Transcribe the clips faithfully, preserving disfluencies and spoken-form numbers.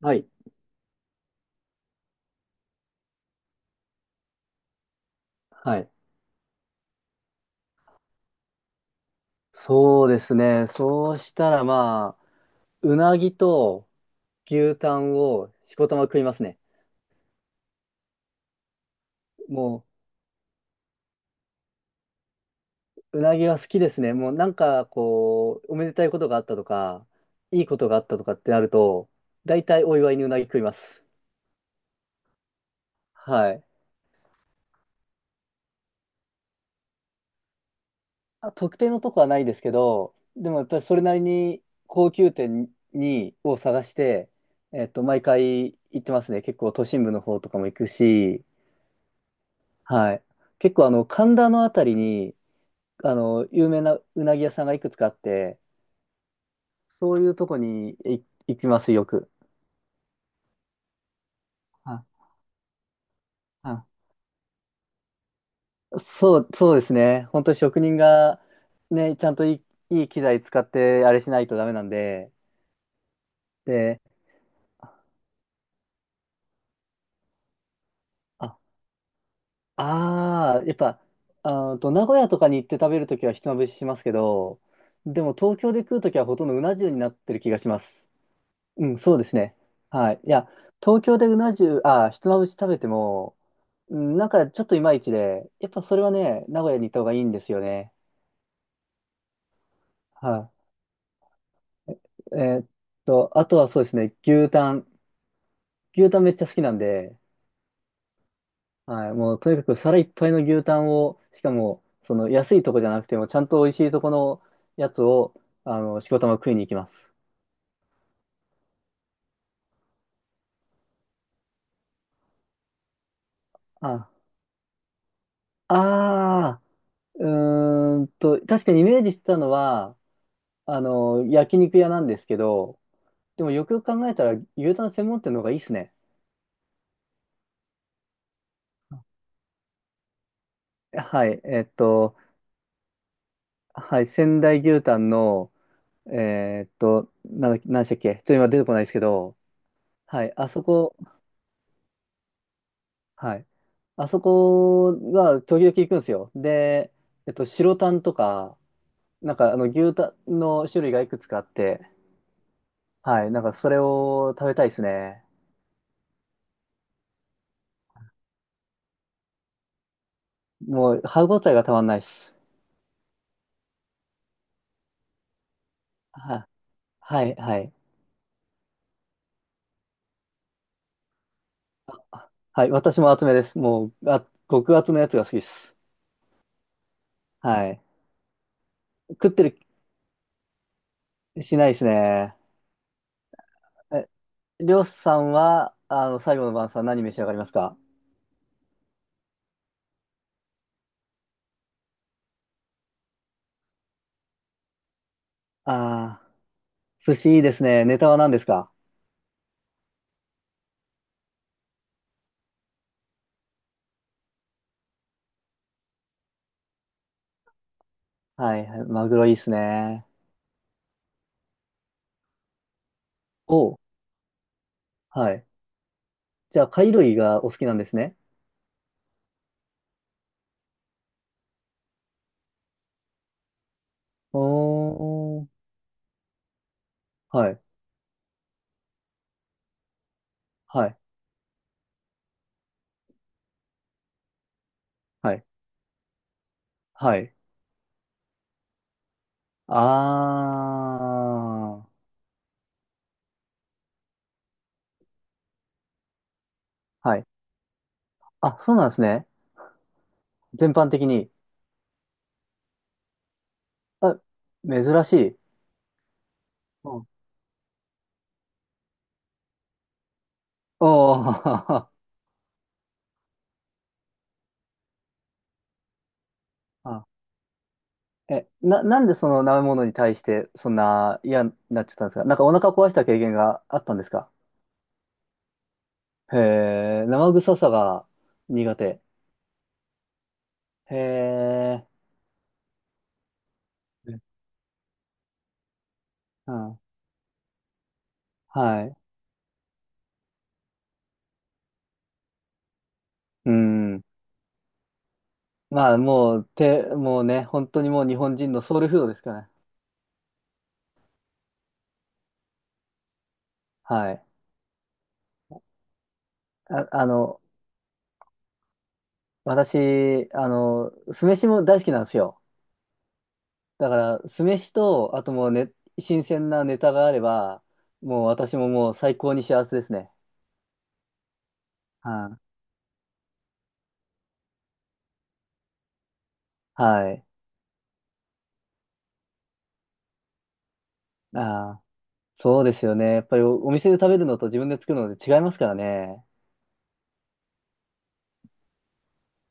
はい。はい。そうですね。そうしたらまあ、うなぎと牛タンをしこたま食いますね。もう、うなぎは好きですね。もうなんかこう、おめでたいことがあったとか、いいことがあったとかってなると、大体お祝いにうなぎ食います。はい。あ、特定のとこはないですけど、でもやっぱりそれなりに高級店に、を探して、えっと、毎回行ってますね。結構都心部の方とかも行くし、はい。結構あの、神田のあたりに、あの、有名なうなぎ屋さんがいくつかあって、そういうとこにい行きます、よく。あ、あ、そう、そうですね。本当に職人が、ね、ちゃんといい、いい機材使って、あれしないとダメなんで。で、あ、あーやっぱ、あーと、名古屋とかに行って食べるときはひつまぶししますけど、でも東京で食うときはほとんどうな重になってる気がします。うん、そうですね。はい。いや、東京でうな重、あ、ひつまぶし食べても、うん、なんかちょっといまいちで、やっぱそれはね、名古屋に行った方がいいんですよね。はい。えーっと、あとはそうですね、牛タン。牛タンめっちゃ好きなんで、はい。もうとにかく皿いっぱいの牛タンを、しかも、その安いとこじゃなくても、ちゃんと美味しいとこのやつを、あの、しこたま食いに行きます。あ、あー、うーんと、確かにイメージしてたのは、あの、焼肉屋なんですけど、でもよくよく考えたら牛タン専門店の方がいいっすね。はい、えっと、はい、仙台牛タンの、えっと、なんだ、何でしたっけ、ちょっと今出てこないですけど、はい、あそこ、はい、あそこは時々行くんですよ。で、えっと、白タンとか、なんかあの牛タンの種類がいくつかあって、はい、なんかそれを食べたいですね。もう歯タえがたまんないっす。は、はい、はい。はい、私も厚めです。もう、あ、極厚のやつが好きです。はい。食ってる気しないですね。え、りょうさんは、あの、最後の晩餐何召し上がりますか？ああー、寿司いいですね。ネタは何ですか？はいはい、マグロいいですね。おう、はい。じゃあ、貝類がお好きなんですね。おー、はい、はい、はい、はい。ああ、はい。あ、そうなんですね。全般的に。あ、珍しい。うん。おー。え、な、なんでその食べ物に対してそんな嫌になっちゃったんですか？なんかお腹壊した経験があったんですか？へえ、生臭さが苦手。へえ、うん、はい。うん。まあもう、て、もうね、本当にもう日本人のソウルフードですからね。はい。あ、あの、私、あの、酢飯も大好きなんですよ。だから、酢飯と、あともうね、新鮮なネタがあれば、もう私ももう最高に幸せですね。はい。はい。ああ、そうですよね。やっぱりお、お店で食べるのと自分で作るので違いますからね。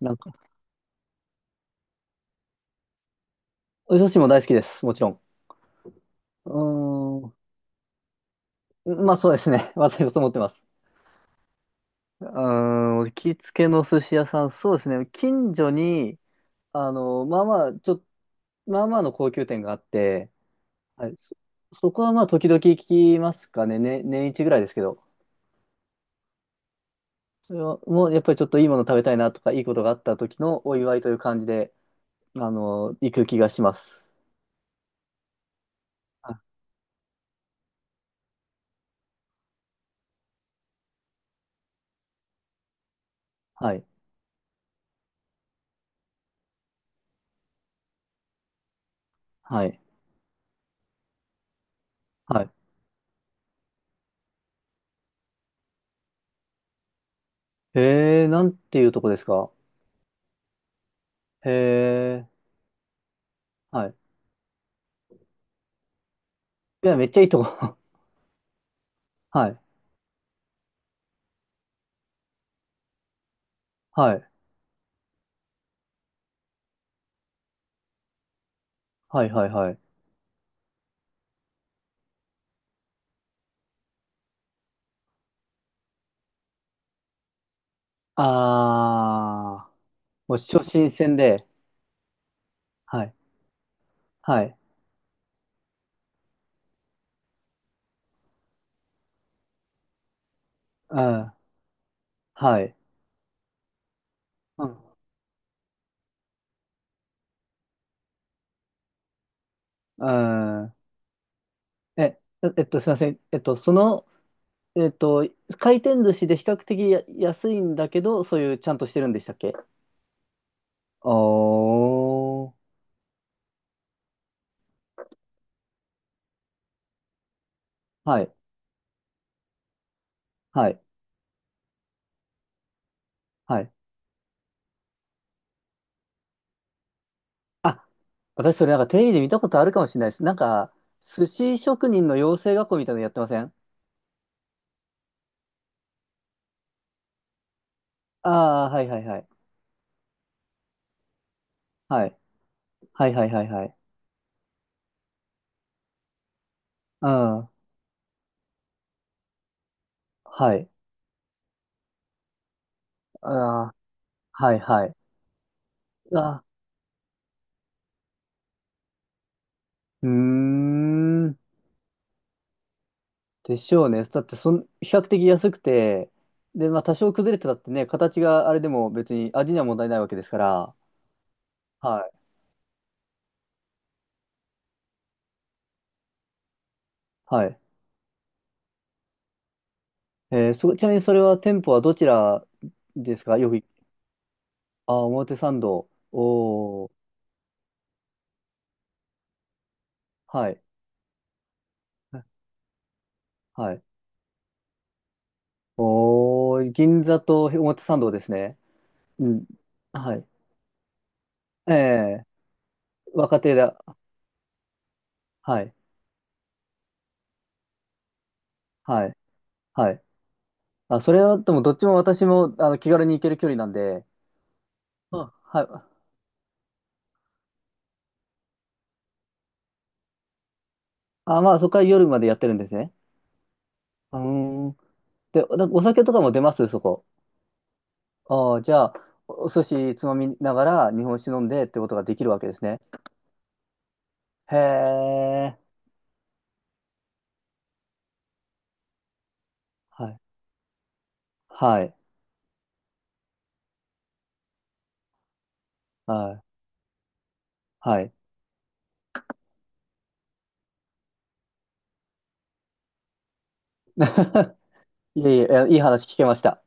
なんか、お寿司も大好きです。もちろん。うーん。まあそうですね。私もそう思ってます。うーん。行きつけの寿司屋さん、そうですね。近所に、あの、まあまあ、ちょ、まあまあの高級店があって、はい、そ、そこはまあ時々行きますかね。ね、年一ぐらいですけど。それはもうやっぱりちょっといいもの食べたいなとか、いいことがあった時のお祝いという感じで、あの、行く気がします。あ、はい。はい。はい。へえ、なんていうとこですか？へえ、はい。いや、めっちゃいいとこ。はい。はい。はい、はい、はい。あー、もう超新で。はい。はい。うん。はい。うん。うん。え、えっと、すいません。えっと、その、えっと、回転寿司で比較的や安いんだけど、そういうちゃんとしてるんでしたっけ？おー。はい。はい。はい。あ、私それなんかテレビで見たことあるかもしれないです。なんか、寿司職人の養成学校みたいなのやってません？ああー、はいはいはい。はい。はいはいはいはい。うん。はい。ああ、はいはい。あ、うーん。でしょうね。だってそん、比較的安くて、で、まあ多少崩れてたってね、形があれでも別に味には問題ないわけですから。はい。はい。えーそ、ちなみにそれは店舗はどちらですか？よくあああ、表参道。おー。はい。はい。おー、銀座と表参道ですね。うん。はい。ええ、若手だ。はい。はい。はい。あ、それは、でも、どっちも私も、あの、気軽に行ける距離なんで、あ、はい。あ、まあ、そこから夜までやってるんですね。うーん。で、おお酒とかも出ますそこ？ああ、じゃあ、おお寿司つまみながら日本酒飲んでってことができるわけですね。へえ。はい。はい。はい。はい。いえいえ、いやいい話聞けました。